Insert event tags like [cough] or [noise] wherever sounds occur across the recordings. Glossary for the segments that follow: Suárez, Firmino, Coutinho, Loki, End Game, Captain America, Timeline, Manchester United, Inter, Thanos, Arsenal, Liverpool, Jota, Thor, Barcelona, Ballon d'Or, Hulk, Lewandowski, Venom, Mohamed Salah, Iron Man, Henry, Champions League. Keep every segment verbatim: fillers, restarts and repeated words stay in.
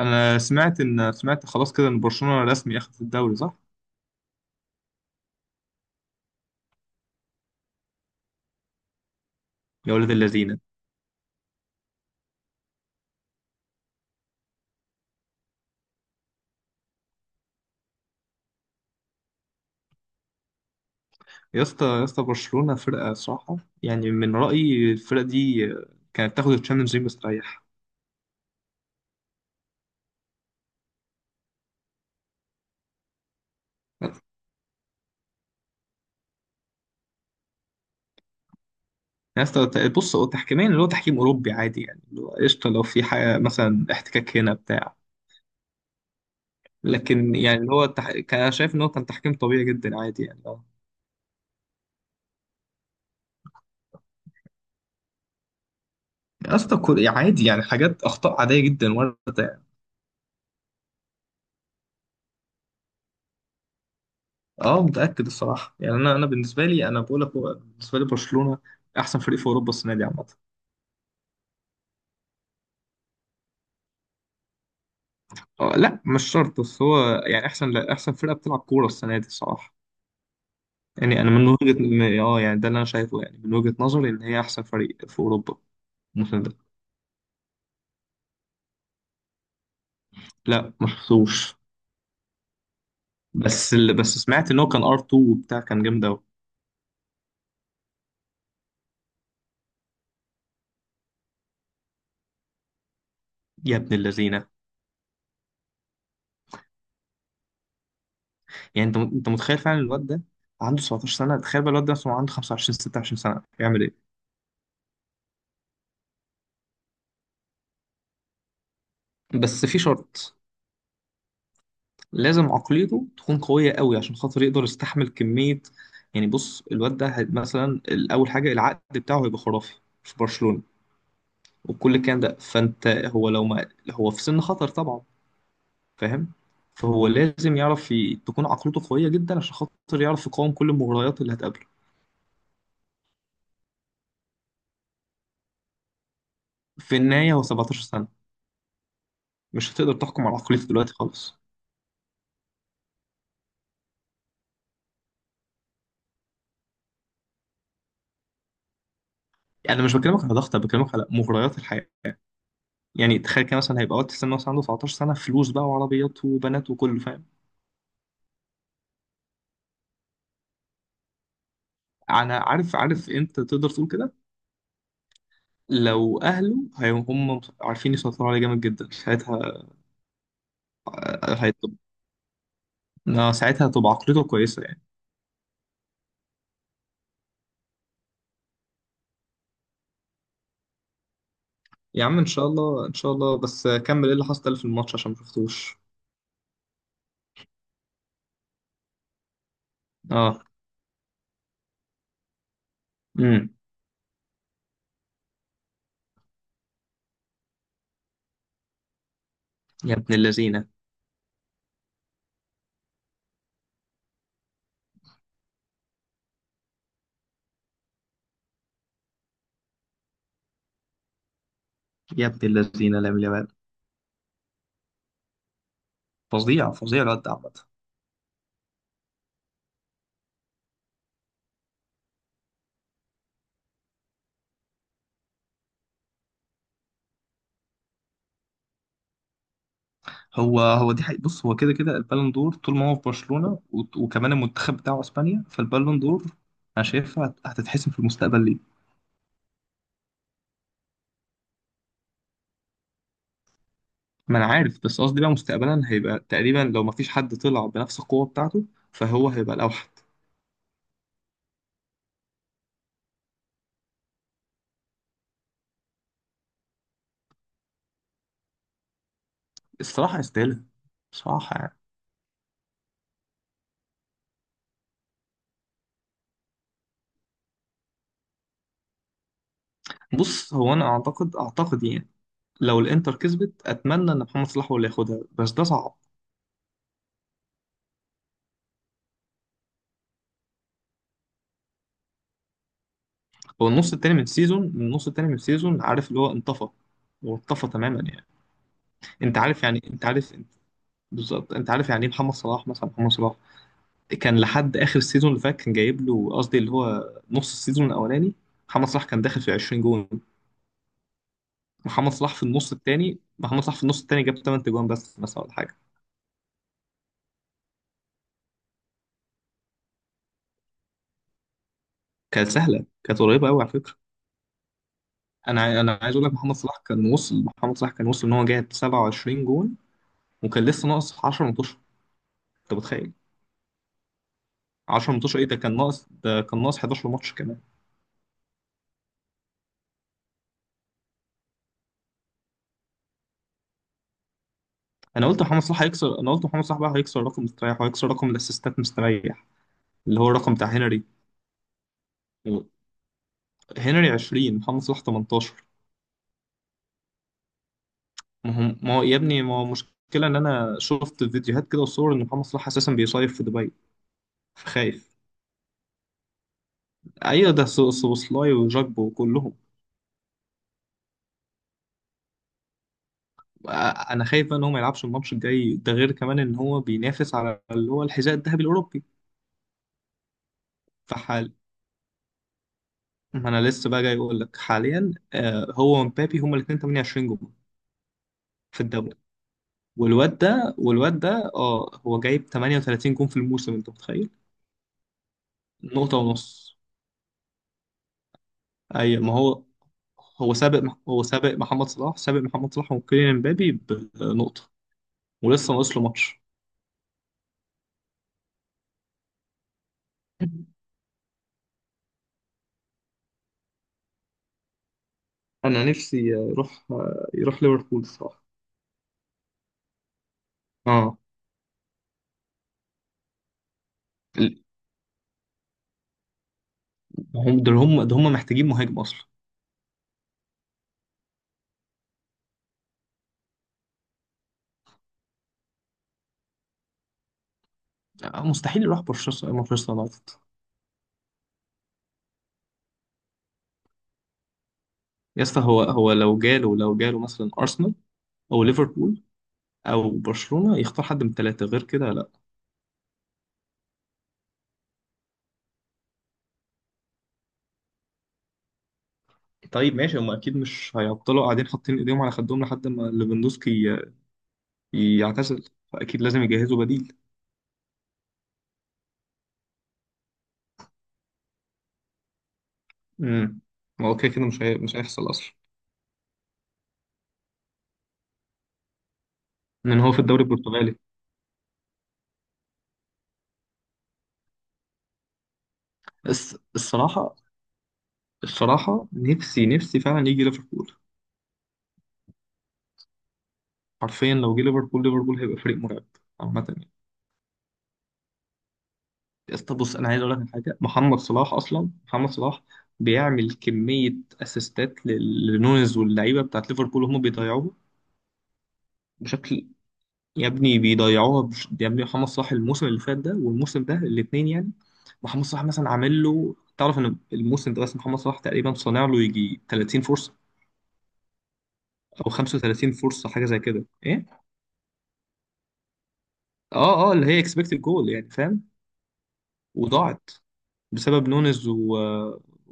انا سمعت ان سمعت خلاص كده ان برشلونه رسمي اخذت الدوري، صح؟ يا ولاد اللذينه. يا اسطى، يا اسطى، برشلونه فرقه صراحه. يعني من رايي، الفرقه دي كانت تاخد الشامبيونز ليج مستريح. يا اسطى، ت- بص، هو تحكيميا، اللي هو تحكيم اوروبي عادي، يعني اللي هو قشطه، لو في حاجه مثلا احتكاك هنا بتاع. لكن يعني اللي هو التح... كان انا شايف ان هو كان تحكيم طبيعي جدا عادي يعني اه يا اسطى، كل- عادي، يعني حاجات، اخطاء عاديه جدا وارده. اه، متأكد الصراحة، يعني انا انا بالنسبة لي، انا بقول لك، هو بالنسبة لي، برشلونة احسن فريق في اوروبا السنة دي عامة. آه، لا، مش شرط، بس هو يعني احسن، لا احسن فرقة بتلعب كورة السنة دي الصراحة. يعني انا من وجهة م- اه يعني ده اللي انا شايفه، يعني من وجهة نظري ان هي احسن فريق في اوروبا الموسم ده. لا، ما شفتوش. بس ال... بس سمعت ان هو كان ار اتنين وبتاع، كان جامد قوي. يا ابن اللذينة. يعني انت انت متخيل، فعلا الواد ده عنده سبعة عشر سنة، تخيل بقى الواد ده مثلا عنده خمسة وعشرين ستة وعشرين سنة يعمل ايه؟ بس في شرط، لازم عقليته تكون قوية قوي عشان خاطر يقدر يستحمل كمية. يعني بص، الواد ده هي- مثلا، أول حاجة العقد بتاعه هيبقى خرافي في برشلونة، وكل الكلام ده، فأنت هو لو ما هو في سن خطر طبعا، فاهم. فهو لازم يعرف ي... تكون عقليته قوية جدا عشان خاطر يعرف يقاوم كل المغريات اللي هتقابله. في النهاية هو سبعتاشر سنة، مش هتقدر تحكم على عقليته دلوقتي خالص. أنا مش بكلمك على ضغط، أنا بكلمك على مغريات الحياة. يعني تخيل كده، مثلا هيبقى وقت السن مثلا عنده تسعتاشر سنة، فلوس بقى وعربيات وبنات وكله، فاهم. انا عارف عارف امتى تقدر تقول كده. لو اهله هي- هم عارفين يسيطروا عليه جامد جدا، ساعتها هيطب. آه، ساعتها هتبقى عقليته كويسه يعني. يا عم، ان شاء الله، ان شاء الله، بس كمل ايه اللي حصل في الماتش عشان ما شفتوش. اه. امم. يا ابن اللذينه، يا ابن اللذينه، لامين يامال، فظيع، فظيع الواد ده عامه. هو هو دي حقيقة، بص هو كده كده البالون دور طول ما هو في برشلونه، وت- وكمان المنتخب بتاعه اسبانيا، فالبالون دور انا شايفها هت- هتتحسم في المستقبل ليه. ما انا عارف، بس قصدي بقى مستقبلا هيبقى تقريبا، لو ما فيش حد طلع بنفس القوه بتاعته، فهو هيبقى الاوحد. الصراحه يستاهلها، بصراحه يعني. بص، هو انا اعتقد اعتقد يعني، لو الانتر كسبت، اتمنى ان محمد صلاح هو اللي ياخدها، بس ده صعب. هو النص التاني من السيزون من النص التاني من السيزون، عارف اللي هو انطفى، هو انطفى تماما يعني. انت عارف يعني، انت عارف بالظبط، انت عارف يعني ايه محمد صلاح، مثلا محمد صلاح كان لحد اخر السيزون اللي فات، كان جايب له، قصدي اللي هو نص السيزون الاولاني، محمد صلاح كان داخل في عشرين جون. محمد صلاح في النص التاني، محمد صلاح في النص التاني جاب ثمانية تجوان بس مثلا ولا حاجه. كانت سهله كانت قريبه قوي على فكره. انا عاي- انا عايز اقول لك، محمد صلاح كان وصل، محمد صلاح كان وصل ان هو جاب سبعة وعشرين جون، وكان لسه ناقص عشر ماتشات، انت متخيل؟ عشرة ماتشات ايه، ده كان ناقص ده كان ناقص حداشر ماتش كمان. انا قلت محمد صلاح هيكسر انا قلت محمد صلاح بقى هيكسر رقم مستريح، وهيكسر رقم الاسيستات مستريح، اللي هو الرقم بتاع هنري. هنري عشرين، محمد صلاح تمنتاشر. ما هو ما هو يا ابني، ما هو مشكله ان انا شفت فيديوهات كده وصور ان محمد صلاح اساسا بيصيف في دبي. خايف. ايوه، ده سو- سوبوسلاي وجاكبو وكلهم. آه، انا خايف بقى ان هو ما يلعبش الماتش الجاي ده، غير كمان ان هو بينافس على اللي هو الحذاء الذهبي الاوروبي. فحال. ما انا لسه بقى جاي اقول لك حاليا، آه، هو ومبابي، هما الاثنين تمنية وعشرين جول في الدوري. والواد ده والواد ده اه هو جايب ثمانية وثلاثين جول في الموسم، انت متخيل؟ نقطة ونص. ايوه، ما هو هو سابق هو سابق محمد صلاح سابق محمد صلاح وكيليان امبابي بنقطة، ولسه ناقص له ماتش. [laughs] انا نفسي يروح، يروح ليفربول الصراحه. اه. ال- هم دول هم ده هم محتاجين مهاجم اصلا. آه، مستحيل يروح مانشستر مانشستر يونايتد. يا اسطى، هو هو لو جاله لو جاله مثلا ارسنال، او ليفربول، او برشلونه، يختار حد من الثلاثه، غير كده لا. طيب ماشي، هم اكيد مش هيفضلوا قاعدين حاطين ايديهم على خدهم لحد ما ليفاندوسكي ي- يعتزل، فاكيد لازم يجهزوا بديل. امم. هو كده كده مش هي... مش هيحصل اصلا، لان هو في الدوري البرتغالي. الس- الصراحه الصراحه نفسي نفسي فعلا يجي ليفربول. حرفيا لو جه ليفربول، ليفربول هيبقى فريق مرعب عامة يعني. يا اسطى بص، أنا عايز أقول لك على حاجة، محمد صلاح أصلا محمد صلاح بيعمل كمية أسيستات لل- لنونيز واللعيبة بتاعت ليفربول، وهم بيضيعوها بشكل، يا ابني بيضيعوها بش... يا ابني محمد صلاح الموسم اللي فات ده والموسم ده الاتنين يعني. محمد صلاح مثلا عامل له، تعرف إن الموسم ده بس محمد صلاح تقريبا صانع له يجي ثلاثين فرصة أو خمسة وثلاثين فرصة، حاجة زي كده، إيه؟ اه، اه، اللي هي اكسبكتد جول، يعني فاهم. وضاعت بسبب نونز و...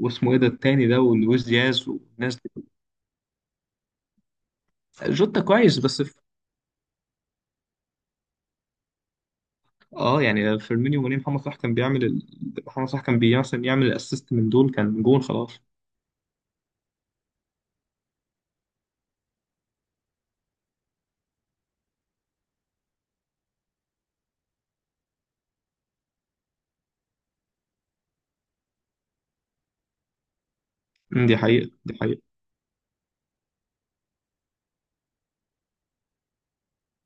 واسمه ايه ده التاني ده، ولويس دياز والناس دي. جوتا كويس بس في... اه يعني فيرمينيو وني، محمد صلاح كان بيعمل ال... محمد صلاح كان بي- مثلا يعمل الاسيست من دول كان جون خلاص. أمم، دي حقيقة، دي حقيقة.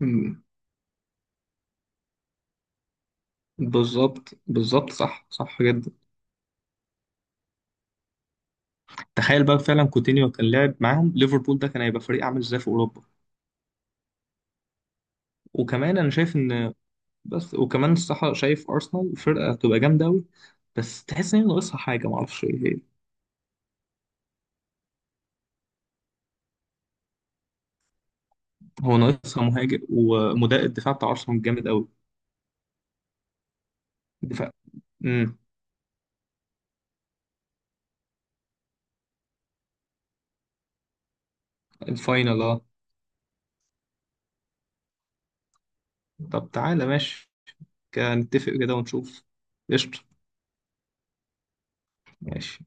أمم. بالظبط، بالظبط، صح، صح جدا. تخيل بقى فعلا كوتينيو كان لعب معاهم ليفربول ده، كان هيبقى فريق عامل ازاي في اوروبا. وكمان انا شايف ان بس وكمان الصراحه شايف ارسنال فرقه هتبقى جامده قوي، بس تحس ان هي ناقصها حاجه، معرفش ايه. هو ناقصها مهاجم ومدافع، الدفاع بتاع ارسنال جامد قوي. الدفاع. امم. الفاينل، اه. طب تعالى ماشي، كده نتفق كده ونشوف. قشطة، ماشي.